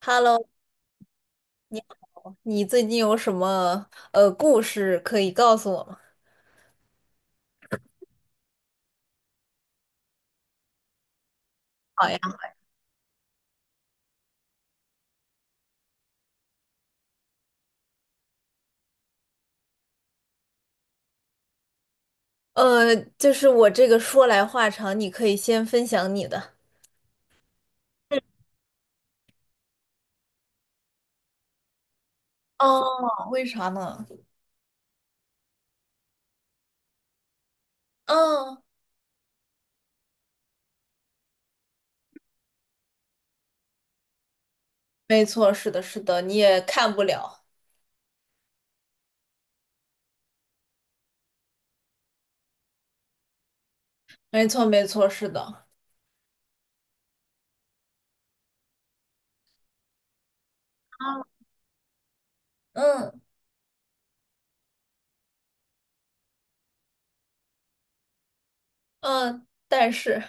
Hello，你最近有什么故事可以告诉我吗？就是我这个说来话长，你可以先分享你的。哦，为啥呢？嗯，没错，是的，是的，你也看不了。没错，没错，是的。嗯嗯，但是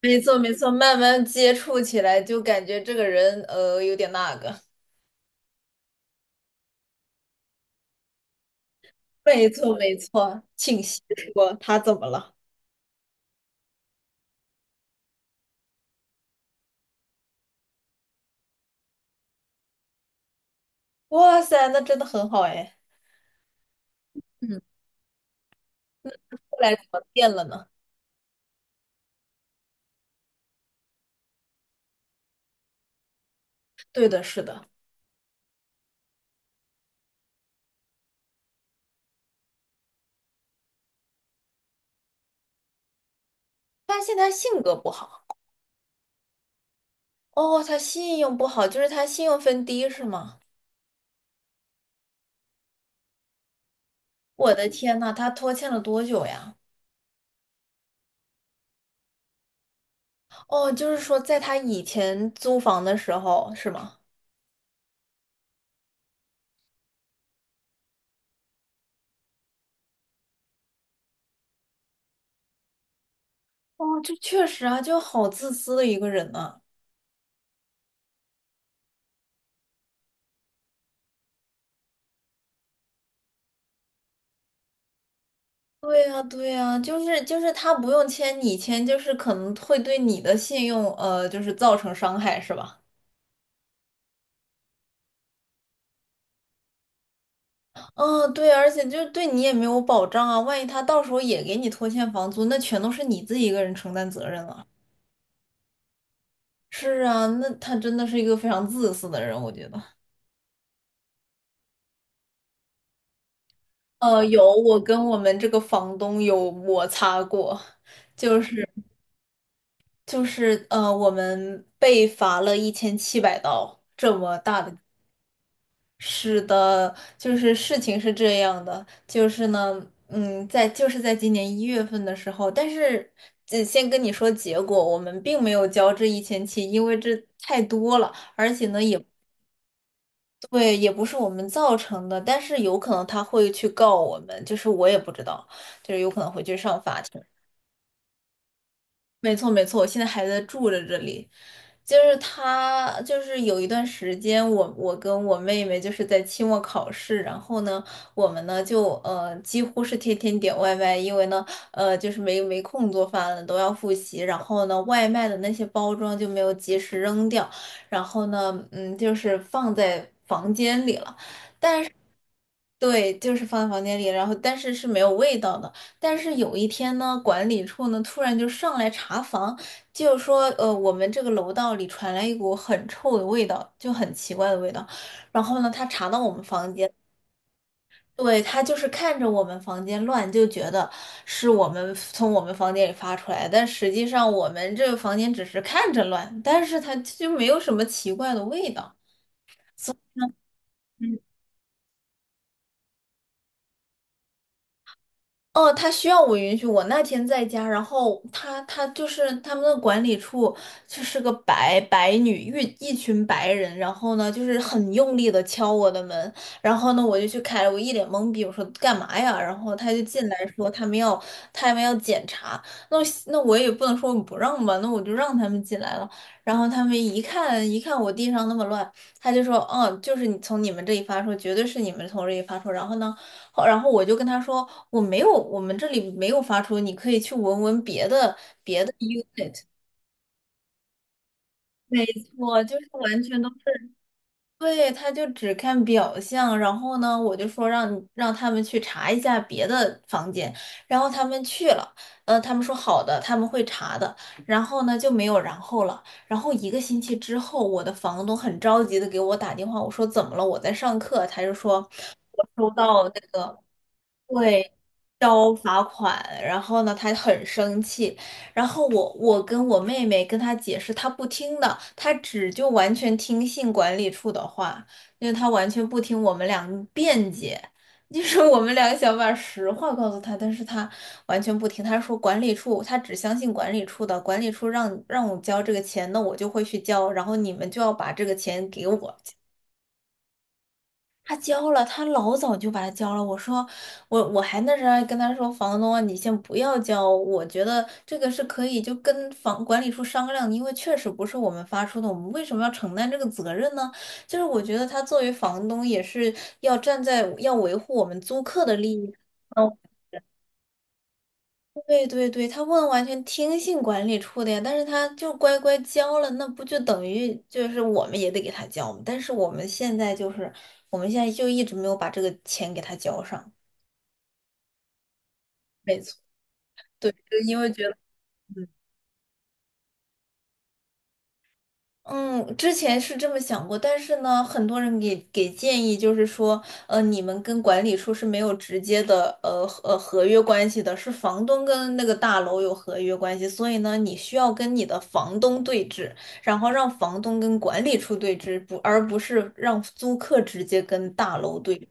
没错，没错，慢慢接触起来就感觉这个人有点那个。没错，没错，请细说，他怎么了？哇塞，那真的很好哎。嗯，后来怎么变了呢？对的，是的，发现他性格不好。哦，他信用不好，就是他信用分低是吗？我的天呐，他拖欠了多久呀？哦，就是说在他以前租房的时候是吗？哦，这确实啊，就好自私的一个人呐。对呀，对呀，就是他不用签，你签就是可能会对你的信用就是造成伤害是吧？嗯，对，而且就对你也没有保障啊，万一他到时候也给你拖欠房租，那全都是你自己一个人承担责任了。是啊，那他真的是一个非常自私的人，我觉得。有，我跟我们这个房东有摩擦过，就是我们被罚了一千七百刀，这么大的。是的，就是事情是这样的，就是呢，在就是在今年1月份的时候，但是只先跟你说结果，我们并没有交这一千七，因为这太多了，而且呢也。对，也不是我们造成的，但是有可能他会去告我们，就是我也不知道，就是有可能会去上法庭。没错，没错，我现在还在住着这里，就是他，就是有一段时间我跟我妹妹就是在期末考试，然后呢，我们呢就几乎是天天点外卖，因为呢就是没空做饭了，都要复习，然后呢外卖的那些包装就没有及时扔掉，然后呢就是放在房间里了。对，就是放在房间里，然后但是是没有味道的。但是有一天呢，管理处呢突然就上来查房，就说我们这个楼道里传来一股很臭的味道，就很奇怪的味道。然后呢，他查到我们房间，对，他就是看着我们房间乱，就觉得是我们从我们房间里发出来，但实际上我们这个房间只是看着乱，但是他就没有什么奇怪的味道。哦，他需要我允许。我那天在家，然后他就是他们的管理处就是个白女，一群白人，然后呢就是很用力的敲我的门，然后呢我就去开了，我一脸懵逼，我说干嘛呀？然后他就进来说他们要检查，那我也不能说我不让吧，那我就让他们进来了。然后他们一看一看我地上那么乱，他就说，就是你从你们这里发出，绝对是你们从这里发出。然后呢。然后我就跟他说，我没有，我们这里没有发出，你可以去闻闻别的 it。没错，就是完全都是，对，他就只看表象。然后呢，我就说让他们去查一下别的房间，然后他们去了，他们说好的，他们会查的。然后呢，就没有然后了。然后一个星期之后，我的房东很着急的给我打电话，我说怎么了？我在上课，他就说。收到那个。对，交罚款，然后呢，他很生气，然后我跟我妹妹跟他解释，他不听的，他只就完全听信管理处的话，因为他完全不听我们俩辩解，就是 我们俩想把实话告诉他，但是他完全不听，他说管理处，他只相信管理处的，管理处让我交这个钱，那我就会去交，然后你们就要把这个钱给我。他交了，他老早就把它交了。我说，我还那时候还跟他说，房东啊，你先不要交，我觉得这个是可以就跟房管理处商量的，因为确实不是我们发出的，我们为什么要承担这个责任呢？就是我觉得他作为房东也是要站在要维护我们租客的利益。嗯对对对，他不能完全听信管理处的呀，但是他就乖乖交了，那不就等于就是我们也得给他交吗？但是我们现在就是，我们现在就一直没有把这个钱给他交上。没错，对，就因为觉得。嗯，之前是这么想过，但是呢，很多人给建议，就是说，你们跟管理处是没有直接的，合约关系的，是房东跟那个大楼有合约关系，所以呢，你需要跟你的房东对峙，然后让房东跟管理处对峙，不，而不是让租客直接跟大楼对峙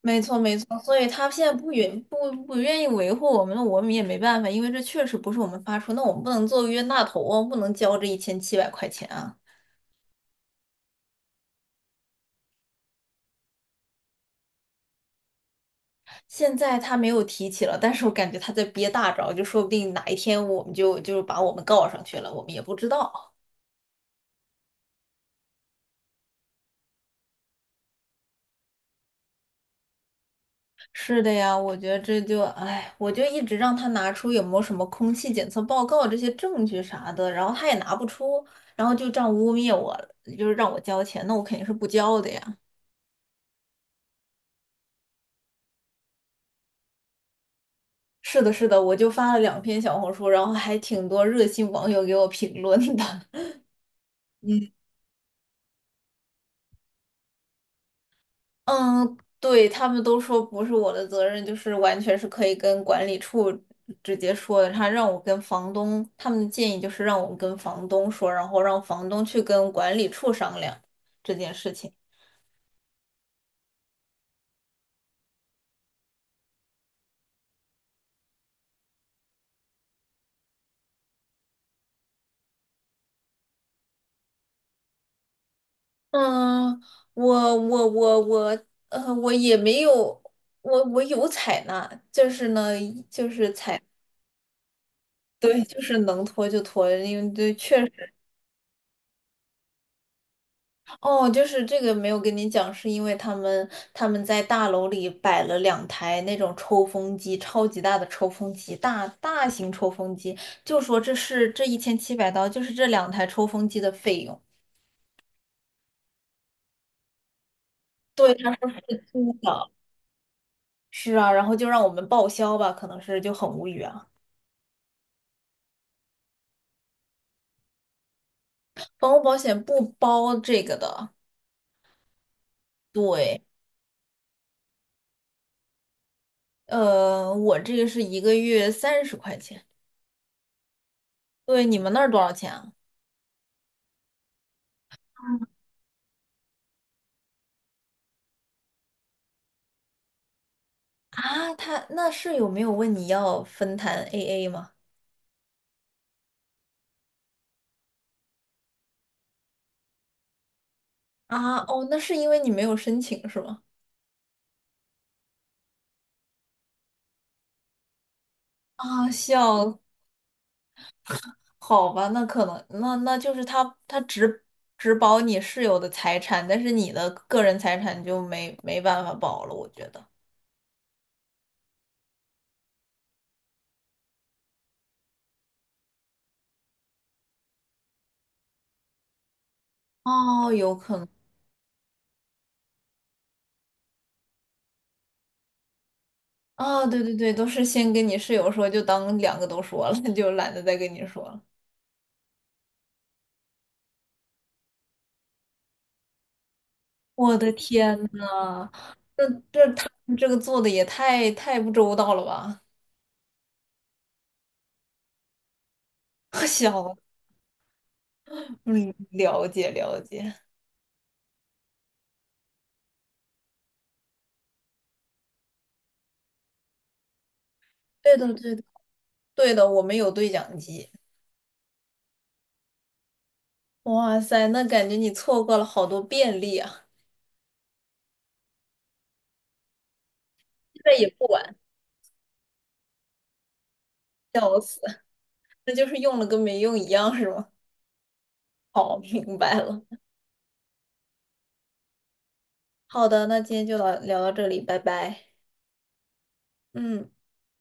没错，没错，所以他现在不愿意维护我们，那我们也没办法，因为这确实不是我们发出，那我们不能做冤大头啊，不能交这1700块钱啊。现在他没有提起了，但是我感觉他在憋大招，就说不定哪一天我们就把我们告上去了，我们也不知道。是的呀，我觉得这就，哎，我就一直让他拿出有没有什么空气检测报告这些证据啥的，然后他也拿不出，然后就这样污蔑我，就是让我交钱，那我肯定是不交的呀。是的，是的，我就发了两篇小红书，然后还挺多热心网友给我评论的。嗯，对，他们都说不是我的责任，就是完全是可以跟管理处直接说的。他让我跟房东，他们的建议就是让我跟房东说，然后让房东去跟管理处商量这件事情。嗯，我我也没有，我有采纳，就是呢，就是采，对，就是能拖就拖，因为对，哦，就是这个没有跟你讲，是因为他们在大楼里摆了两台那种抽风机，超级大的抽风机，大型抽风机，就说这是这一千七百刀，就是这两台抽风机的费用。对，他出的。是啊，然后就让我们报销吧，可能是就很无语啊。房屋保险不包这个的，我这个是一个月30块钱。对，你们那儿多少钱啊？啊，他那室友没有问你要分摊 AA 吗？啊，哦，那是因为你没有申请是吗？啊，笑，好吧，那可能，那就是他只保你室友的财产，但是你的个人财产就没办法保了，我觉得。哦，有可能。啊，对对对，都是先跟你室友说，就当两个都说了，就懒得再跟你说了。我的天呐，这他们这个做的也太不周到了吧？小嗯，了解了解。对的对的对的，我们有对讲机。哇塞，那感觉你错过了好多便利啊！现在也不晚，笑死，那就是用了跟没用一样，是吗？好，明白了。好的，那今天就到聊到这里，拜拜。嗯。